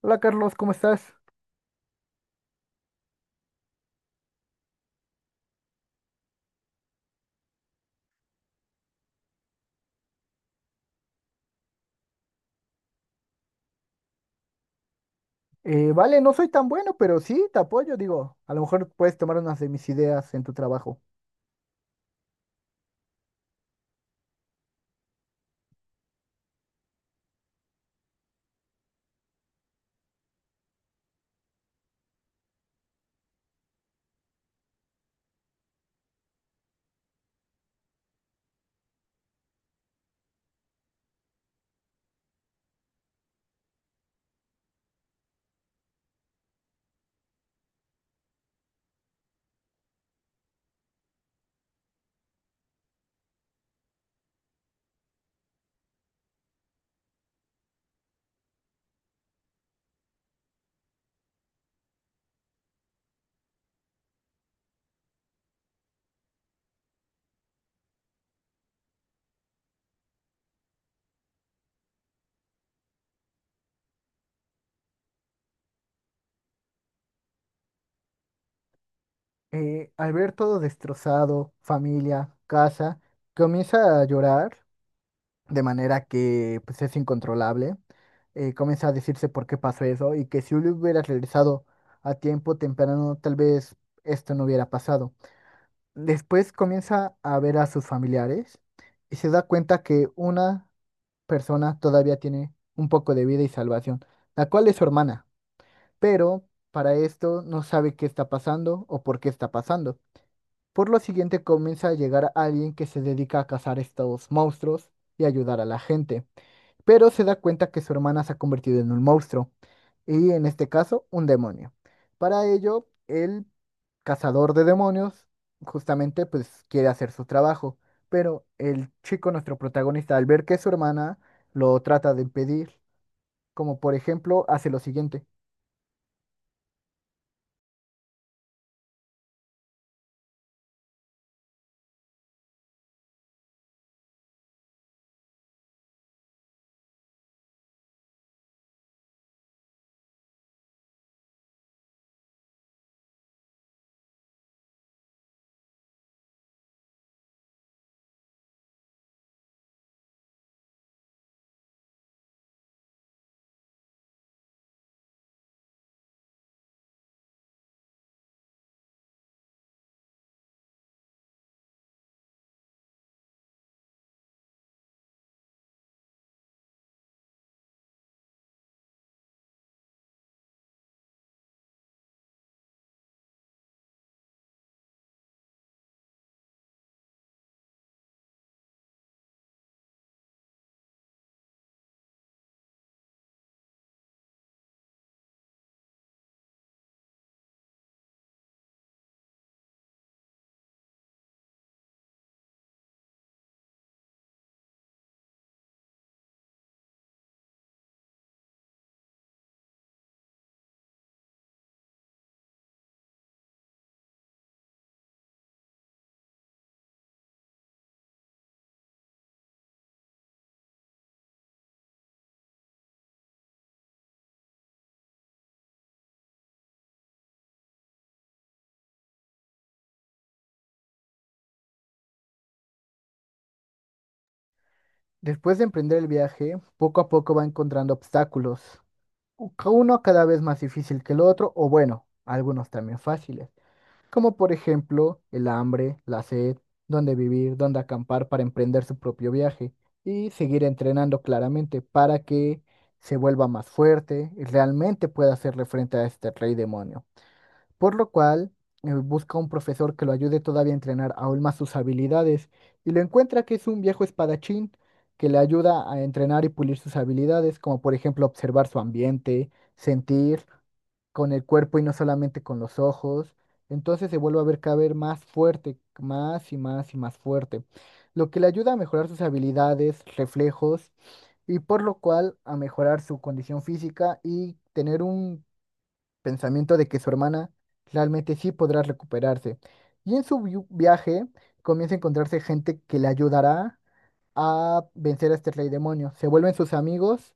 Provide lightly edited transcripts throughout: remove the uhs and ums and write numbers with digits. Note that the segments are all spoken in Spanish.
Hola Carlos, ¿cómo estás? Vale, no soy tan bueno, pero sí, te apoyo, digo, a lo mejor puedes tomar unas de mis ideas en tu trabajo. Al ver todo destrozado, familia, casa, comienza a llorar de manera que pues, es incontrolable. Comienza a decirse por qué pasó eso y que si hubiera regresado a tiempo temprano, tal vez esto no hubiera pasado. Después comienza a ver a sus familiares y se da cuenta que una persona todavía tiene un poco de vida y salvación, la cual es su hermana, pero para esto no sabe qué está pasando o por qué está pasando. Por lo siguiente comienza a llegar alguien que se dedica a cazar estos monstruos y ayudar a la gente, pero se da cuenta que su hermana se ha convertido en un monstruo, y en este caso, un demonio. Para ello, el cazador de demonios justamente pues quiere hacer su trabajo, pero el chico, nuestro protagonista, al ver que su hermana lo trata de impedir, como por ejemplo, hace lo siguiente. Después de emprender el viaje, poco a poco va encontrando obstáculos, uno cada vez más difícil que el otro, o bueno, algunos también fáciles. Como por ejemplo el hambre, la sed, dónde vivir, dónde acampar para emprender su propio viaje y seguir entrenando claramente para que se vuelva más fuerte y realmente pueda hacerle frente a este rey demonio. Por lo cual, busca un profesor que lo ayude todavía a entrenar aún más sus habilidades y lo encuentra que es un viejo espadachín que le ayuda a entrenar y pulir sus habilidades, como por ejemplo observar su ambiente, sentir con el cuerpo y no solamente con los ojos. Entonces se vuelve a ver cada vez más fuerte, más y más y más fuerte, lo que le ayuda a mejorar sus habilidades, reflejos y por lo cual a mejorar su condición física y tener un pensamiento de que su hermana realmente sí podrá recuperarse. Y en su viaje comienza a encontrarse gente que le ayudará a vencer a este rey demonio. Se vuelven sus amigos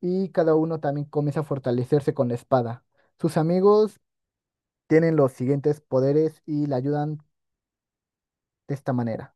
y cada uno también comienza a fortalecerse con la espada. Sus amigos tienen los siguientes poderes y le ayudan de esta manera.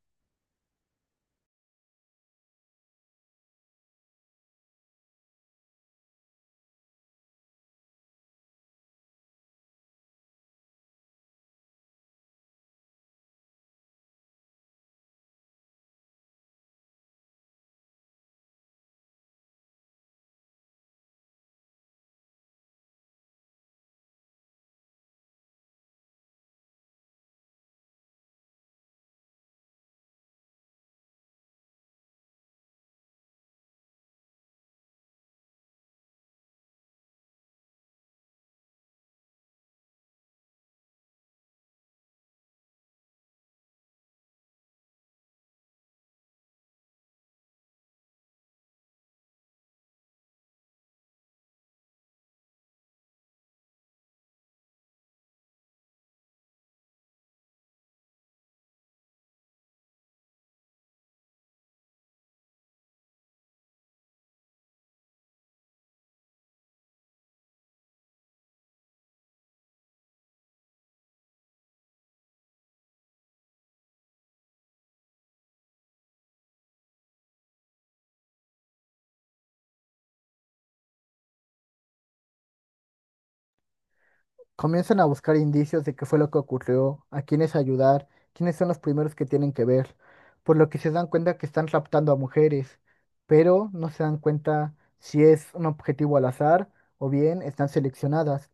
Comienzan a buscar indicios de qué fue lo que ocurrió, a quiénes ayudar, quiénes son los primeros que tienen que ver, por lo que se dan cuenta que están raptando a mujeres, pero no se dan cuenta si es un objetivo al azar o bien están seleccionadas,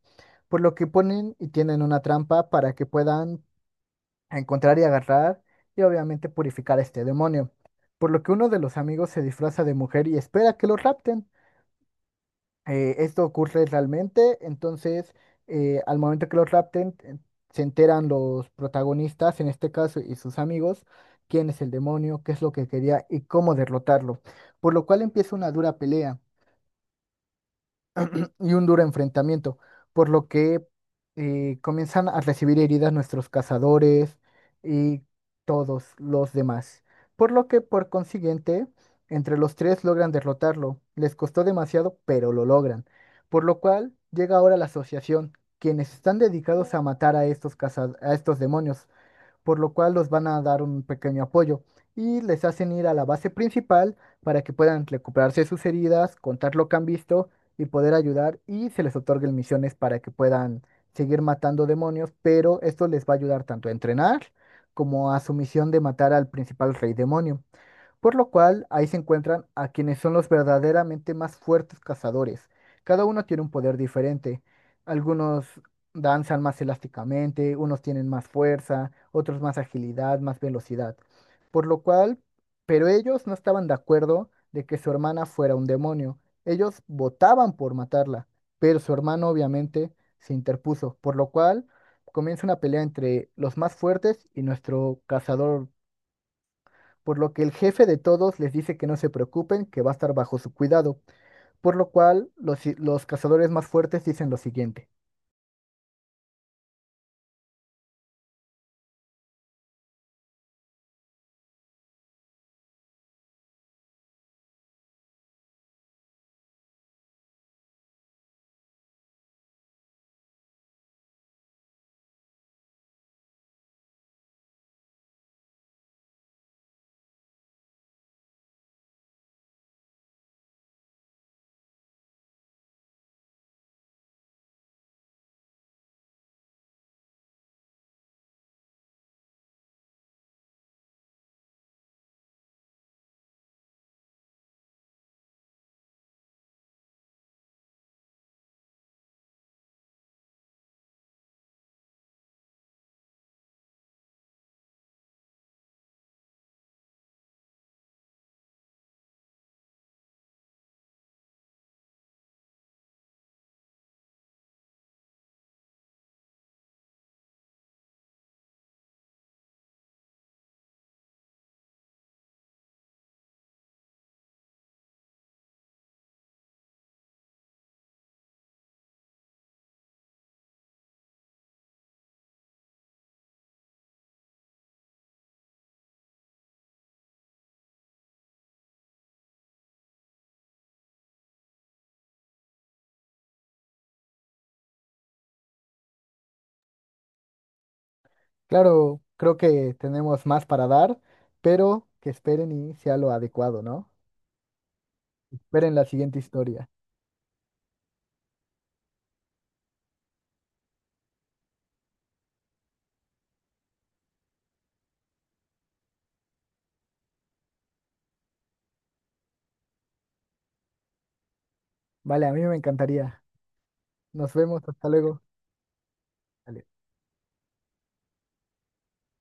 por lo que ponen y tienen una trampa para que puedan a encontrar y agarrar y obviamente purificar a este demonio. Por lo que uno de los amigos se disfraza de mujer y espera que lo rapten. Esto ocurre realmente, entonces al momento que lo rapten, se enteran los protagonistas, en este caso, y sus amigos, quién es el demonio, qué es lo que quería y cómo derrotarlo. Por lo cual empieza una dura pelea. Duro y un duro enfrentamiento, por lo que comienzan a recibir heridas nuestros cazadores y todos los demás. Por lo que, por consiguiente, entre los tres logran derrotarlo. Les costó demasiado, pero lo logran. Por lo cual llega ahora la asociación, quienes están dedicados a matar a estos a estos demonios, por lo cual los van a dar un pequeño apoyo y les hacen ir a la base principal para que puedan recuperarse sus heridas, contar lo que han visto y poder ayudar y se les otorguen misiones para que puedan seguir matando demonios, pero esto les va a ayudar tanto a entrenar como a su misión de matar al principal rey demonio, por lo cual ahí se encuentran a quienes son los verdaderamente más fuertes cazadores. Cada uno tiene un poder diferente. Algunos danzan más elásticamente, unos tienen más fuerza, otros más agilidad, más velocidad. Por lo cual, pero ellos no estaban de acuerdo de que su hermana fuera un demonio. Ellos votaban por matarla, pero su hermano obviamente se interpuso, por lo cual comienza una pelea entre los más fuertes y nuestro cazador, por lo que el jefe de todos les dice que no se preocupen, que va a estar bajo su cuidado, por lo cual los cazadores más fuertes dicen lo siguiente. Claro, creo que tenemos más para dar, pero que esperen y sea lo adecuado, ¿no? Esperen la siguiente historia. Vale, a mí me encantaría. Nos vemos, hasta luego. Vale.